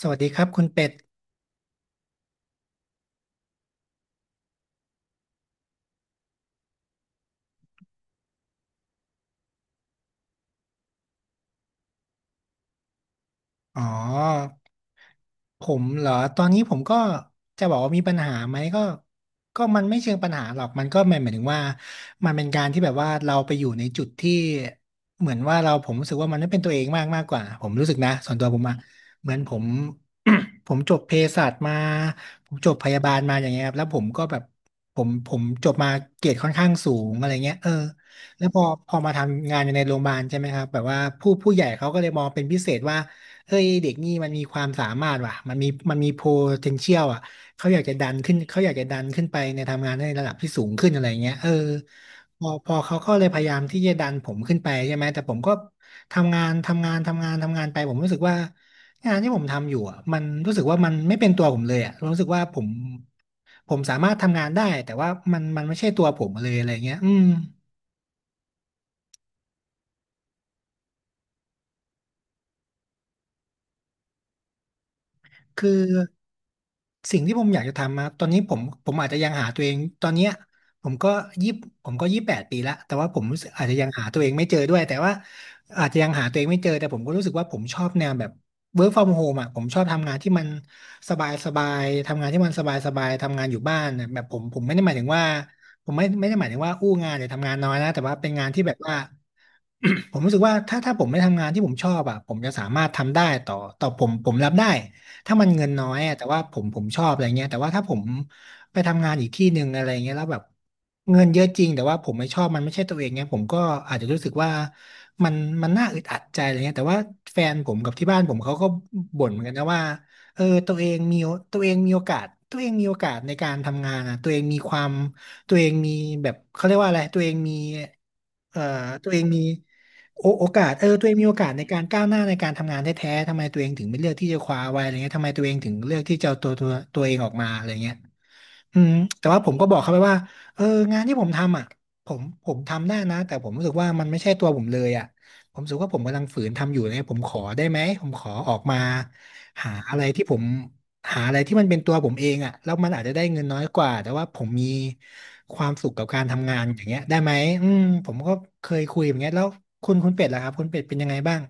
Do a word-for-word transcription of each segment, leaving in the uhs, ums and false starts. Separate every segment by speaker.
Speaker 1: สวัสดีครับคุณเป็ด อ๋อผมเหรอตอนนี้ผมก็จะบอกว่ามีปัญหาไหมก็ก็มันไม่เชิงปัญหาหรอกมันก็หมายหมายถึงว่ามันเป็นการที่แบบว่าเราไปอยู่ในจุดที่เหมือนว่าเราผมรู้สึกว่ามันไม่เป็นตัวเองมากมากกว่าผมรู้สึกนะส่วนตัวผมอะเหมือนผม ผมจบเภสัชมาผมจบพยาบาลมาอย่างเงี้ยครับแล้วผมก็แบบผมผมจบมาเกรดค่อนข้างสูงอะไรเงี้ยเออแล้วพอพอมาทำงานอยู่ในโรงพยาบาลใช่ไหมครับแบบว่าผู้ผู้ใหญ่เขาก็เลยมองเป็นพิเศษว่า เฮ้ยเด็กนี่มันมีความสามารถว่ะมันมีมันมี potential อ่ะเขาอยากจะดันขึ้นเขาอยากจะดันขึ้นไปในทำงานในระดับที่สูงขึ้นอะไรเงี้ยเออพอพอเขาก็เลยพยายามที่จะดันผมขึ้นไปใช่ไหมแต่ผมก็ทำงานทำงานทำงานทำงานไปผมรู้สึกว่างานที่ผมทำอยู่อ่ะมันรู้สึกว่ามันไม่เป็นตัวผมเลยอ่ะรู้สึกว่าผมผมสามารถทำงานได้แต่ว่ามันมันไม่ใช่ตัวผมเลยอะไรเงี้ยอืม คือสิ่งที่ผมอยากจะทำมาตอนนี้ผมผมอาจจะยังหาตัวเองตอนเนี้ยผมก็ยี่ผมก็ยี่สิบแปดปีละแต่ว่าผมรู้สึกอาจจะยังหาตัวเองไม่เจอด้วยแต่ว่าอาจจะยังหาตัวเองไม่เจอแต่ผมก็รู้สึกว่าผมชอบแนวแบบ work from home อ่ะผมชอบทำงานที่มันสบายสบายทำงานที่มันสบายสบายทำงานอยู่บ้านน่ะแบบผมผมไม่ได้หมายถึงว่าผมไม่ไม่ได้หมายถึงว่าอู้งานหรือทำงานน้อยนะแต่ว่าเป็นงานที่แบบว่า ผมรู้สึกว่าถ้าถ้าผมไม่ทำงานที่ผมชอบอ่ะผมจะสามารถทำได้ต่อต่อผมผมรับได้ถ้ามันเงินน้อยอะแต่ว่าผมผมชอบอะไรเงี้ยแต่ว่าถ้าผมไปทำงานอีกที่หนึ่งอะไรเงี้ยแล้วแบบเงินเยอะจริงแต่ว่าผมไม่ชอบมันไม่ใช่ตัวเองเงี้ยผมก็อาจจะรู้สึกว่ามันมันน่าอึดอัดใจอะไรเงี้ยแต่ว่าแฟนผมกับที่บ้านผมเขาก็บ่นเหมือนกันนะว่าเออตัวเองมีตัวเองมีโอกาสตัวเองมีโอกาสในการทำงานนะตัวเองมีความ ตัวเองมีแบบเขาเรียกว่าอะไรตัวเองมีเอ่อตัวเองมีโอโอกาสเออตัวเองมีโอกาสในการก้าวหน้าในการทำงานแท้ๆทำไมตัวเองถึงไม่เลือกที่จะคว้าไว้อะไรเงี้ยทำไมตัวเองถึงเลือกที่จะเอาตัวตัวตัวเองออกมาอะไรเงี้ย อืมแต่ว่าผมก็บอกเขาไปว่าเอองานที่ผมทำอ่ะผมผมทำได้นะแต่ผมรู้สึกว่ามันไม่ใช่ตัวผมเลยอ่ะผมรู้สึกว่าผมกำลังฝืนทำอยู่เนี่ยผมขอได้ไหมผมขอออกมาหาอะไรที่ผมหาอะไรที่มันเป็นตัวผมเองอ่ะแล้วมันอาจจะได้เงินน้อยกว่าแต่ว่าผมมีความสุขกับการทำงานอย่างเงี้ยได้ไหมอืมผมก็เคยคุยอย่างเงี้ยแล้วคุณคุณเป็ดล่ะครับคุณเป็ดเป็นยังไงบ้าง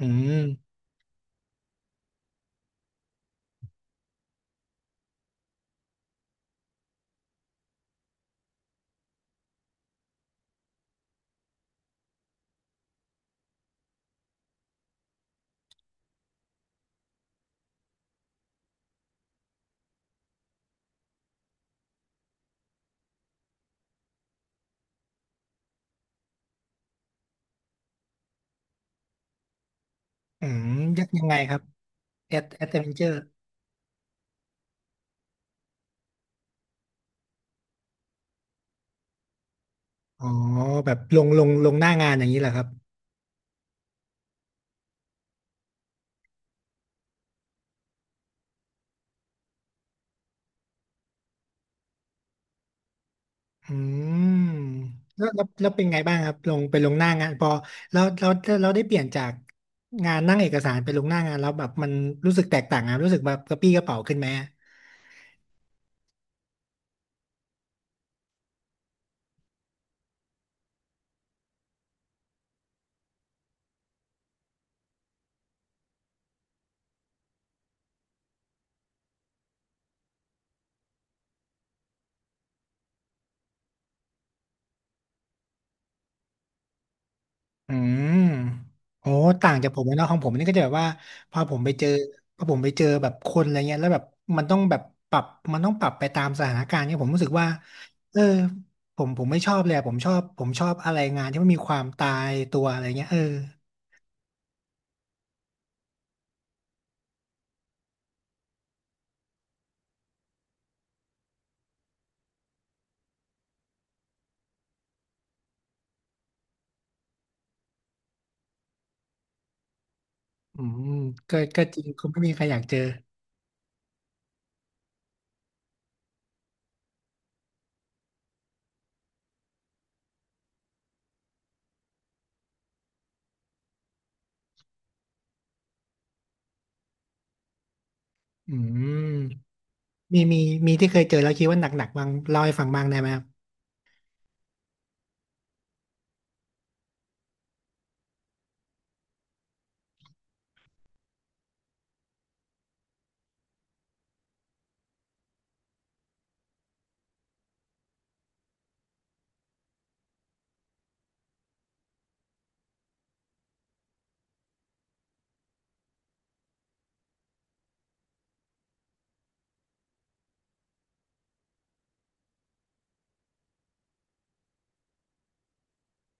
Speaker 1: อืมอืมยักยังไงครับแอดแอดเวนเจอร์อ๋อแบบลงลงลงหน้างานอย่างนี้แหละครับ อืมแล้วแล้วแล้วเป็นไงบ้างครับลงไปลงหน้างานพอแล้วแล้วเราได้เปลี่ยนจากงานนั่งเอกสารไปลงหน้างานแล้วแบบมันรู้สึกแตกต่างอะรู้สึกแบบกระปี้กระเป๋าขึ้นไหมอืมโอ้ต่างจากผมเลยเนาะของผมนี่ก็จะแบบว่าพอผมไปเจอพอผมไปเจอแบบคนอะไรเงี้ยแล้วแบบมันต้องแบบปรับมันต้องปรับไปตามสถานการณ์เนี่ยผมรู้สึกว่าเออผมผมไม่ชอบเลยอะผมชอบผมชอบอะไรงานที่มันมีความตายตัวอะไรเงี้ยเอออืมก็ก็จริงคงไม่มีใครอยากเจอ อืมมีมีมีที่เคยเจอแล้วคิดว่าหนักๆบ้างเล่าให้ฟังบ้างได้ไหมครับ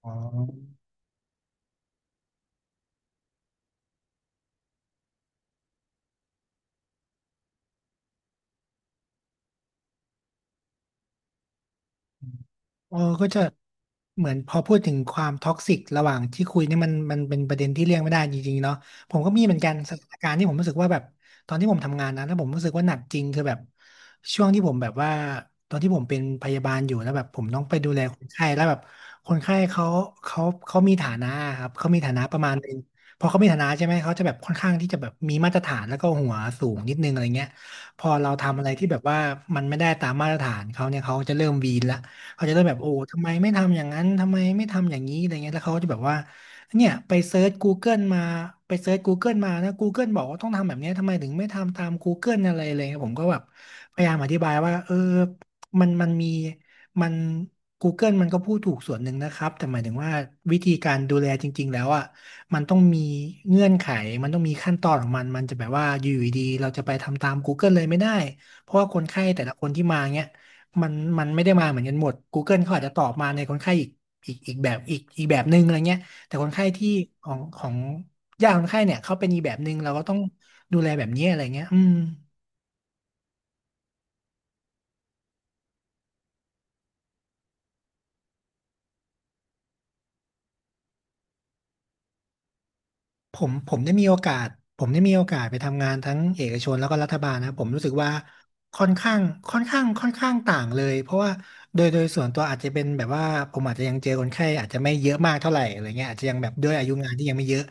Speaker 1: อ๋อ เออก็จะเหมือนพอพูดถึงความท็อกซิกระหว่างที่คุยเนี่ยมันมันเป็นประเด็นที่เลี่ยงไม่ได้จริงๆเนาะผมก็มีเหมือนกันสถานการณ์ที่ผมรู้สึกว่าแบบตอนที่ผมทำงานนะแล้วผมรู้สึกว่าหนักจริงคือแบบช่วงที่ผมแบบว่าตอนที่ผมเป็นพยาบาลอยู่แล้วแบบผมต้องไปดูแลคนไข้แล้วแบบคนไข้เขาเขาเขามีฐานะครับเขามีฐานะประมาณนึงพอเขามีฐานะใช่ไหมเขาจะแบบค่อนข้างที่จะแบบมีมาตรฐานแล้วก็หัวสูงนิดนึงอะไรเงี้ยพอเราทำอะไรที่แบบว่ามันไม่ได้ตามมาตรฐานเขาเนี่ยเขาจะเริ่มวีนละ เขาจะเริ่มแบบโอ้ทำไมไม่ทำอย่างนั้นทำไมไม่ทำอย่างนี้อะไรเงี้ยแล้วเขาก็จะแบบว่าเนี่ยไปเซิร์ช Google มาไปเซิร์ช Google มานะ Google บอกว่าต้องทำแบบเนี้ยทำไมถึงไม่ทำตาม Google อะไรเลยผมก็แบบพยายามอธิบายว่าเออมันมันมีมัน Google มันก็พูดถูกส่วนหนึ่งนะครับแต่หมายถึงว่าวิธีการดูแลจริงๆแล้วอ่ะมันต้องมีเงื่อนไขมันต้องมีขั้นตอนของมันมันจะแบบว่าอยู่ดีๆเราจะไปทำตาม Google เลยไม่ได้เพราะว่าคนไข้แต่ละคนที่มาเงี้ย มันมันไม่ได้มาเหมือนกันหมด Google เขาอาจจะตอบมาในคนไข้อีกอีกอีกแบบอีกอีกแบบหนึ่งอะไรเงี้ยแต่คนไข้ที่ของของญาติคนไข้เนี่ยเขาเป็นอีกแบบหนึ่งเราก็ต้องดูแลแบบนี้อะไรเงี้ยอืม ผมผมได้มีโอกาสผมได้มีโอกาสไปทำงานทั้งเอกชนแล้วก็รัฐบาลนะผมรู้สึกว่าค่อนข้างค่อนข้างค่อนข้างต่างเลยเพราะว่าโดยโดยส่วนตัวอาจจะเป็นแบบว่าผมอาจจะยังเจอคนไข้อาจจะไม่เยอะมากเท่าไหร่อะไรเงี้ยอาจจะยังแบบด้วยอายุงานที่ยังไม่เยอะ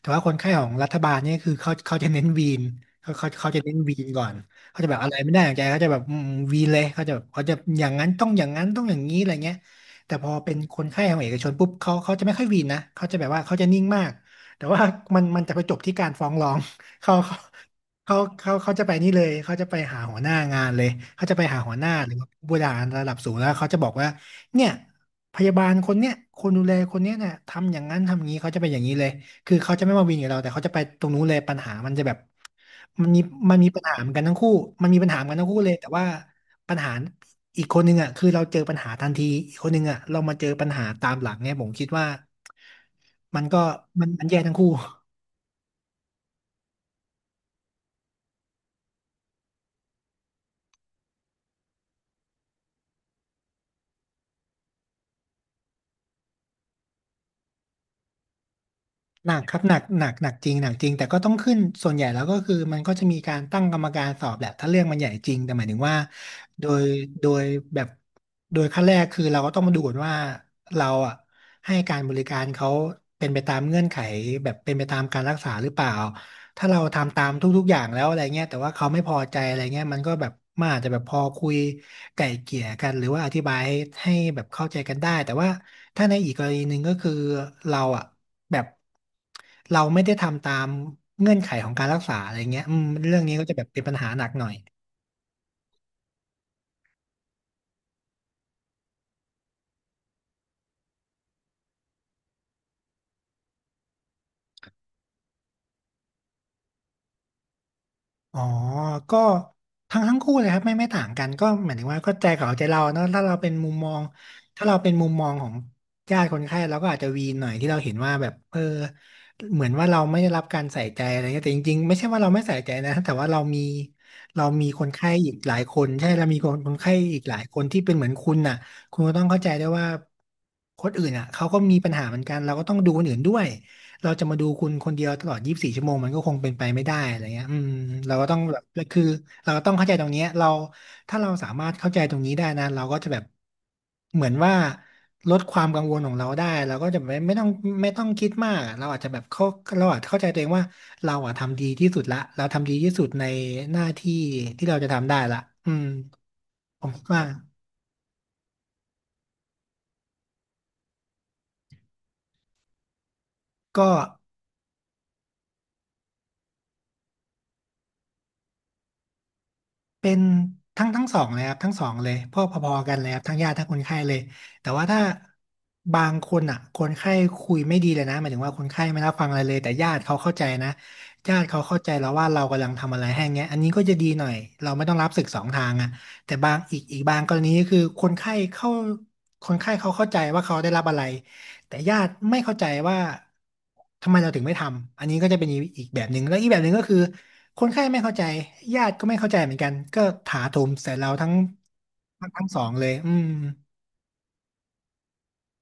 Speaker 1: แต่ว่าคนไข้ของรัฐบาลเนี่ยคือเขาเขาจะเน้นวีนเขาเขาเขาจะเน้นวีนก่อนเขาจะแบบอะไรไม่ได้อย่างใจเขาจะแบบอืมวีนเลยเขาจะแบบเขาจะอย่างนั้นต้องอย่างนั้นต้องอย่างนี้อะไรเงี้ยแต่พอเป็นคนไข้ของเอกชนปุ๊บเขาเขาจะไม่ค่อยวีนนะเขาจะแบบว่าเขาจะนิ่งมาก แต่ว่า มันมันจะไปจบที่การฟ้องร้อง เขาเขาเขาเขาจะไปนี่เลยเขาจะไปหาหัวหน้างานเลยเขาจะไปหาหัวหน้าหรือว่าผู้บริหารระดับสูงแล้วเขาจะบอกว่าเนี่ยพยาบาลคนเนี้ยคนดูแลคนเนี้ยเนี่ยทำอย่างนั้นทำอย่างนี้เขาจะไปอย่างนี้เลยคือเขาจะไม่มาวินกับเราแต่เขาจะไปตรงนู้นเลยปัญหามันจะแบบมันมีมันมีปัญหาเหมือนกันทั้งคู่มันมีปัญหาเหมือนกันทั้งคู่เลยแต่ว่า ปัญหาอีกคนนึงอ่ะคือเราเจอปัญหาทันทีอีกคนนึงอ่ะเรามาเจอปัญหาตามหลังเนี่ยผมคิดว่ามันก็มันมันแย่ทั้งคู่ หนักครับหนักหนักหนักจริงหนักจริงแต่ก็ต้องขึ้นส่วนใหญ่แล้วก็คือมันก็จะมีการตั้งกรรมการสอบแหละถ้าเรื่องมันใหญ่จริงแต่หมายถึงว่าโดยโดยแบบโดยขั้นแรกคือเราก็ต้องมาดูก่อนว่าเราอ่ะให้การบริการเขาเป็นไปตามเงื่อนไขแบบเป็นไปตามการรักษาหรือเปล่า ถ้าเราทำตามทุกๆอย่างแล้วอะไรเงี้ยแต่ว่าเขาไม่พอใจอะไรเงี้ยมันก็แบบมันอาจจะแบบพอคุยไก่เกลี่ยกันหรือว่าอธิบายให้ให้แบบเข้าใจกันได้แต่ว่าถ้าในอีกกรณีหนึ่งก็คือเราอ่ะแบบเราไม่ได้ทำตามเงื่อนไขของการรักษาอะไรเงี้ยอืมเรื่องนี้ก็จะแบบเป็นปัญหาหนักหน่อย อ๋อก็ทั้งทั้งคู่เลยครับไม่ไม่ต่างกันก็หมายถึงว่าก็ใจเขาใจเราเนอะถ้าเราเป็นมุมมองถ้าเราเป็นมุมมองของญาติคนไข้เราก็อาจจะวีนหน่อยที่เราเห็นว่าแบบเออเหมือนว่าเราไม่ได้รับการใส่ใจอะไรเงี้ยแต่จริงๆไม่ใช่ว่าเราไม่ใส่ใจนะแต่ว่าเรามีเรามีคนไข้อีกหลายคนใช่เรามีคนคนไข้อีกหลายคนที่เป็นเหมือนคุณน่ะคุณก็ต้องเข้าใจด้วยว่าคนอื่นอ่ะเขาก็มีปัญหาเหมือนกันเราก็ต้องดูคนอื่นด้วย เราจะมาดูคุณคนเดียวตลอดยี่สิบสี่ชั่วโมงมันก็คงเป็นไปไม่ได้อะไรเงี้ยอืมเราก็ต้องแบบคือเราก็ต้องเข้าใจตรงเนี้ยเราถ้าเราสามารถเข้าใจตรงนี้ได้นะเราก็จะแบบเหมือนว่าลดความกังวลของเราได้เราก็จะไม่ไม่ต้องไม่ต้องคิดมากเราอาจจะแบบเข้าเราอาจเข้าใจตัวเองว่าเราอะทำดีที่สุดละเราทำดีที่สุดในหน้าที่ที่เราจะทำได้ละอืมผมคิดว่าก็ เป็นทั้งทั้งสองเลยครับทั้งสองเลยพ่อพอๆกันเลยครับทั้งญาติทั้งคนไข้เลยแต่ว่าถ้าบางคนอ่ะคนไข้คุยไม่ดีเลยนะหมายถึงว่าคนไข้ไม่รับฟังอะไรเลยแต่ญาติเขาเข้าใจนะญาติเขาเข้าใจแล้วว่าเรากำลังทำอะไรให้เงี้ยอันนี้ก็จะดีหน่อยเราไม่ต้องรับศึกสองทางอ่ะแต่บางอีกอีกบางกรณีก็คือคนไข้เข้าคนไข้เขาเข้าใจว่าเขาได้รับอะไร แต่ญาติไม่เข้าใจว่าทำไมเราถึงไม่ทำ อันนี้ก็จะเป็นอีกแบบหนึ่งแล้วอีกแบบหนึ่งก็คือคนไข้ไม่เข้าใจญาติก็ไม่เข้าใจเหมือนกันก็ถาโถมใส่เราทั้งทั้งทั้งสองเลยอืม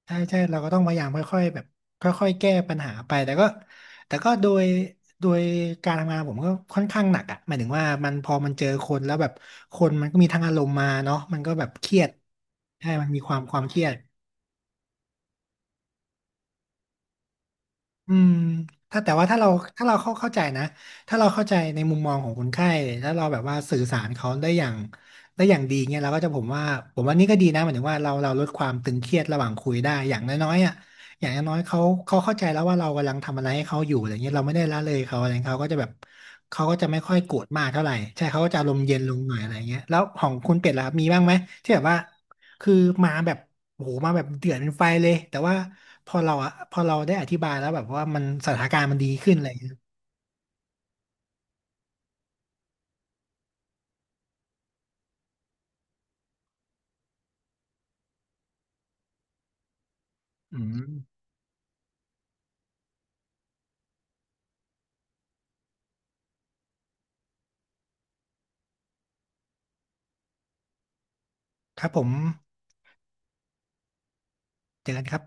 Speaker 1: ใช่ใช่เราก็ต้องพยายามค่อยๆแบบค่อยๆแก้ปัญหาไปแต่ก็แต่ก็โดยโดยการทำงานผมก็ค่อนข้างหนักอ่ะหมายถึงว่ามันพอมันเจอคนแล้วแบบคนมันก็มีทั้งอารมณ์มาเนาะมันก็แบบเครียดใช่มันมีความความเครียด อืมถ้าแต่ว่าถ้าเราถ้าเราเข้าเข้าใจนะ ถ้าเราเข้าใจในมุมมองของคนไข้ถ้าเราแบบว่าสื่อสารเขาได้อย่างได้อย่างดีเนี่ยเราก็จะผมว่าผมว่านี่ก็ดีนะหมายถึงว่าเราเราลดความตึงเครียดระหว่างคุยได้อย่างน้อยๆอ่ะอย่างน้อยๆเขาเขาเข้าใจแล้วว่าเรากำลังทำอะไรให้เขาอยู่อะไรเงี้ยเราไม่ได้ละเลยเขาอะไรเงี้ยเขาก็จะแบบเขาก็จะไม่ค่อยโกรธมากเท่าไหร่ใช่เขาก็จะอารมณ์เย็นลงหน่อยอะไรเงี้ยแล้วของคุณเป็ดล่ะครับมีบ้างไหมที่แบบว่าคือมาแบบ โอ้โหมาแบบเดือดเป็นไฟเลยแต่ว่าพอเราอะพอเราได้อธิบายแล้วแบบว่ามันสถานการณ์มันดีขึ้นอะไรอย่างเลยอืมครับผมเจอกันครับ